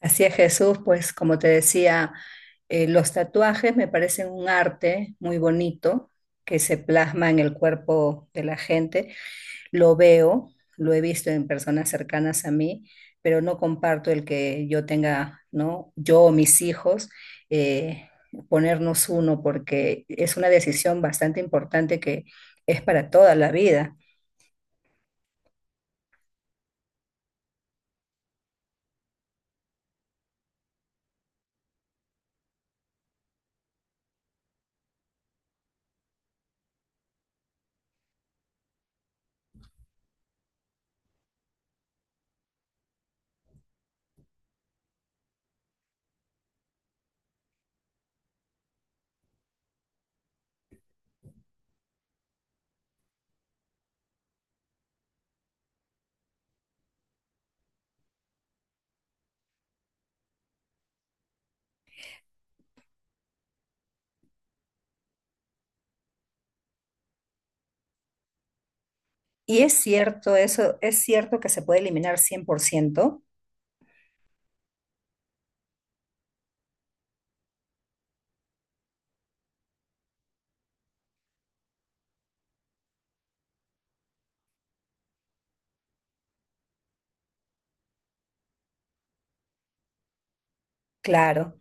Así es, Jesús, pues como te decía, los tatuajes me parecen un arte muy bonito que se plasma en el cuerpo de la gente. Lo veo, lo he visto en personas cercanas a mí, pero no comparto el que yo tenga, ¿no? Yo o mis hijos, eh, ponernos uno, porque es una decisión bastante importante que es para toda la vida. Y es cierto eso, es cierto que se puede eliminar 100%. Claro.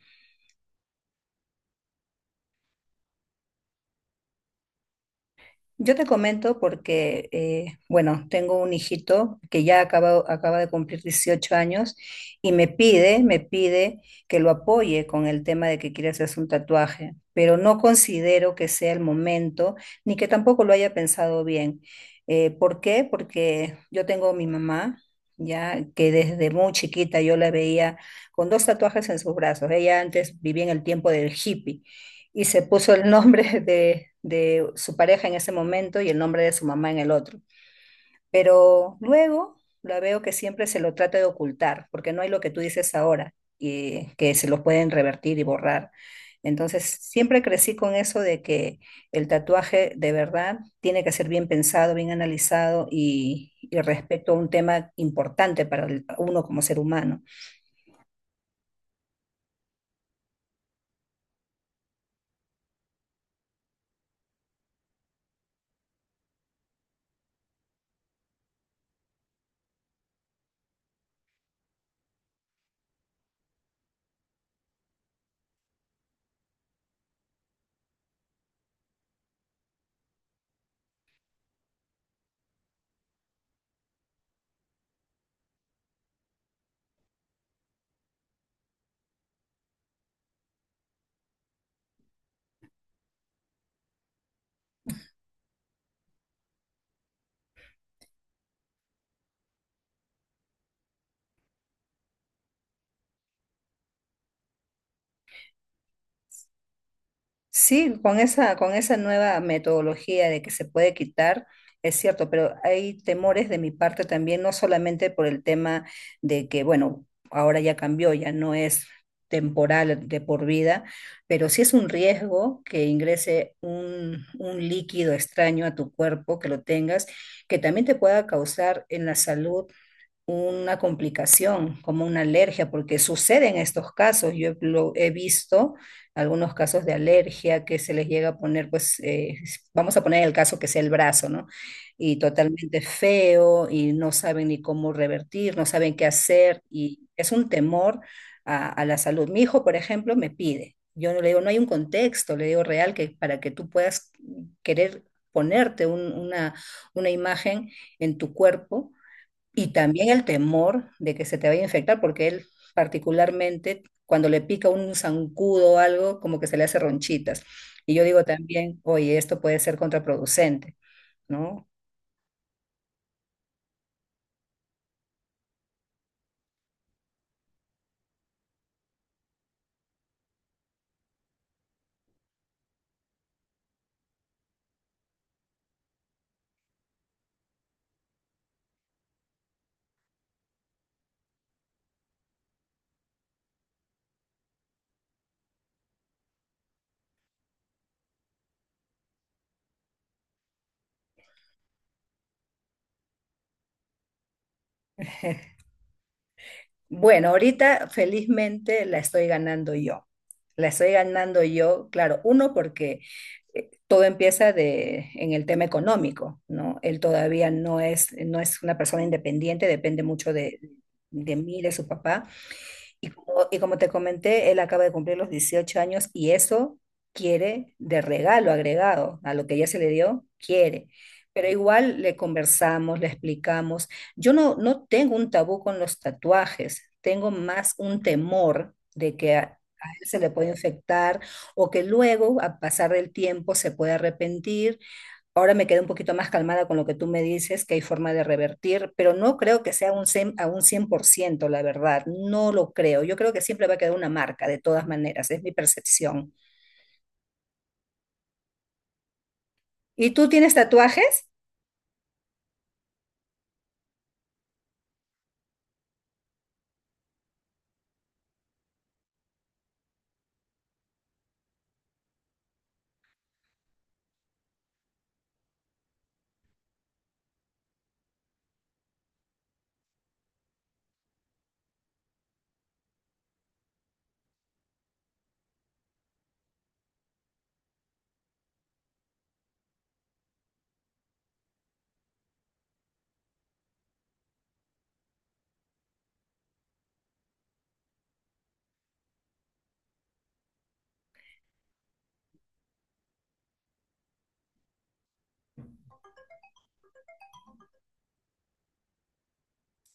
Yo te comento porque, bueno, tengo un hijito que ya acaba de cumplir 18 años y me pide que lo apoye con el tema de que quiere hacerse un tatuaje, pero no considero que sea el momento ni que tampoco lo haya pensado bien. ¿Por qué? Porque yo tengo a mi mamá, ya que desde muy chiquita yo la veía con dos tatuajes en sus brazos. Ella antes vivía en el tiempo del hippie y se puso el nombre de su pareja en ese momento y el nombre de su mamá en el otro. Pero luego la veo que siempre se lo trata de ocultar, porque no hay lo que tú dices ahora, y que se lo pueden revertir y borrar. Entonces, siempre crecí con eso de que el tatuaje de verdad tiene que ser bien pensado, bien analizado y respecto a un tema importante para uno como ser humano. Sí, con esa nueva metodología de que se puede quitar, es cierto, pero hay temores de mi parte también, no solamente por el tema de que, bueno, ahora ya cambió, ya no es temporal de por vida, pero sí es un riesgo que ingrese un líquido extraño a tu cuerpo, que lo tengas, que también te pueda causar en la salud una complicación, como una alergia, porque sucede en estos casos. Yo he visto algunos casos de alergia que se les llega a poner, pues, vamos a poner el caso que sea el brazo, ¿no? Y totalmente feo y no saben ni cómo revertir, no saben qué hacer y es un temor a la salud. Mi hijo, por ejemplo, me pide. Yo no le digo, no hay un contexto, le digo real que para que tú puedas querer ponerte una imagen en tu cuerpo y también el temor de que se te vaya a infectar, porque él particularmente cuando le pica un zancudo o algo, como que se le hace ronchitas. Y yo digo también, oye, esto puede ser contraproducente, ¿no? Bueno, ahorita felizmente la estoy ganando yo. La estoy ganando yo, claro, uno porque todo empieza de, en el tema económico, ¿no? Él todavía no es, no es una persona independiente, depende mucho de, mí, de su papá. Y como te comenté, él acaba de cumplir los 18 años y eso quiere de regalo agregado a lo que ya se le dio, quiere. Pero igual le conversamos, le explicamos. Yo no, no tengo un tabú con los tatuajes, tengo más un temor de que a él se le puede infectar o que luego, a pasar del tiempo, se puede arrepentir. Ahora me quedé un poquito más calmada con lo que tú me dices, que hay forma de revertir, pero no creo que sea un, a un 100%, la verdad, no lo creo. Yo creo que siempre va a quedar una marca, de todas maneras, es mi percepción. ¿Y tú tienes tatuajes?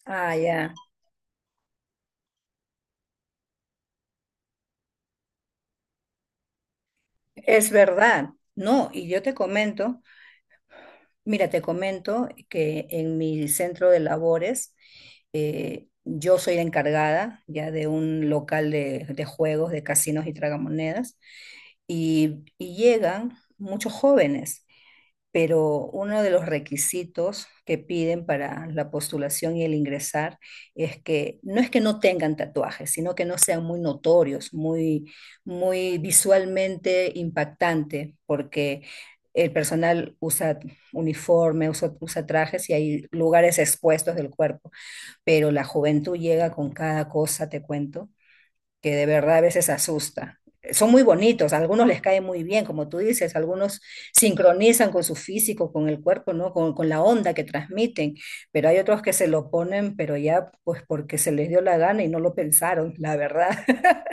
Ah, ya, es verdad. No, y yo te comento. Mira, te comento que en mi centro de labores, yo soy la encargada ya de un local de juegos, de casinos y tragamonedas, y llegan muchos jóvenes, pero uno de los requisitos que piden para la postulación y el ingresar es que no tengan tatuajes, sino que no sean muy notorios, muy, visualmente impactante, porque el personal usa uniforme, usa trajes y hay lugares expuestos del cuerpo, pero la juventud llega con cada cosa, te cuento que de verdad a veces asusta. Son muy bonitos, a algunos les cae muy bien, como tú dices, algunos sincronizan con su físico, con el cuerpo, ¿no? Con la onda que transmiten, pero hay otros que se lo ponen, pero ya pues porque se les dio la gana y no lo pensaron, la verdad.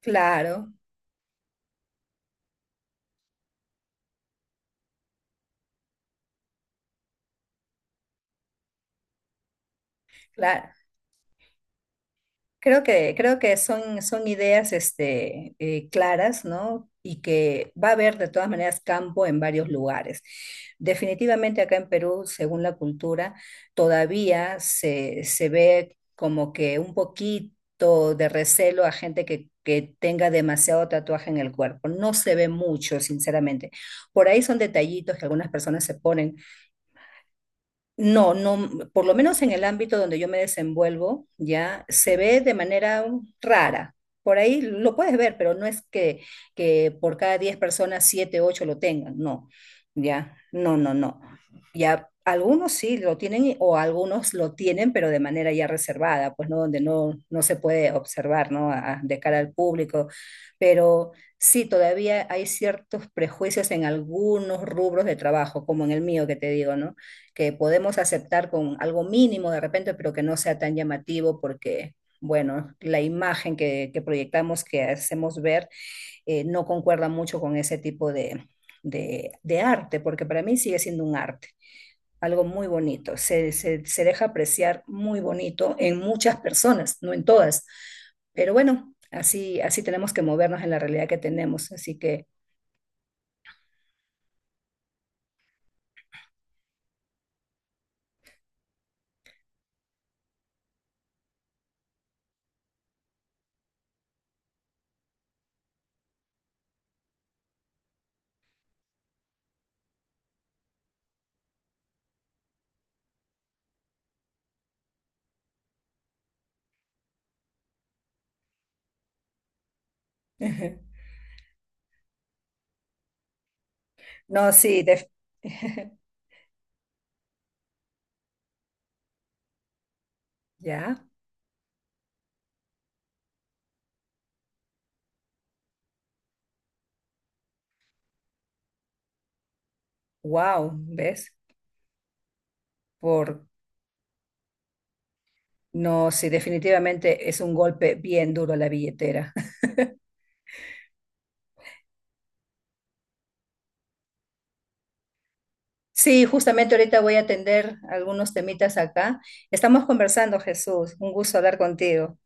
Claro. cla- creo que son, son ideas claras, ¿no? Y que va a haber de todas maneras campo en varios lugares. Definitivamente acá en Perú, según la cultura, todavía se ve como que un poquito de recelo a gente que tenga demasiado tatuaje en el cuerpo. No se ve mucho, sinceramente. Por ahí son detallitos que algunas personas se ponen. No, no, por lo menos en el ámbito donde yo me desenvuelvo, ya se ve de manera rara. Por ahí lo puedes ver, pero no es que por cada 10 personas, 7 8 lo tengan, no, ya, no, no, no. Ya algunos sí lo tienen o algunos lo tienen, pero de manera ya reservada, pues no, donde no se puede observar, ¿no? De cara al público, pero sí, todavía hay ciertos prejuicios en algunos rubros de trabajo, como en el mío que te digo, ¿no? Que podemos aceptar con algo mínimo de repente, pero que no sea tan llamativo porque, bueno, la imagen que proyectamos, que hacemos ver, no concuerda mucho con ese tipo de, de arte, porque para mí sigue siendo un arte, algo muy bonito, se, se deja apreciar muy bonito en muchas personas, no en todas, pero bueno, así, tenemos que movernos en la realidad que tenemos, así que, no, sí, ya, wow, ¿ves? Por No, sí, definitivamente es un golpe bien duro a la billetera. Sí, justamente ahorita voy a atender algunos temitas acá. Estamos conversando, Jesús. Un gusto hablar contigo.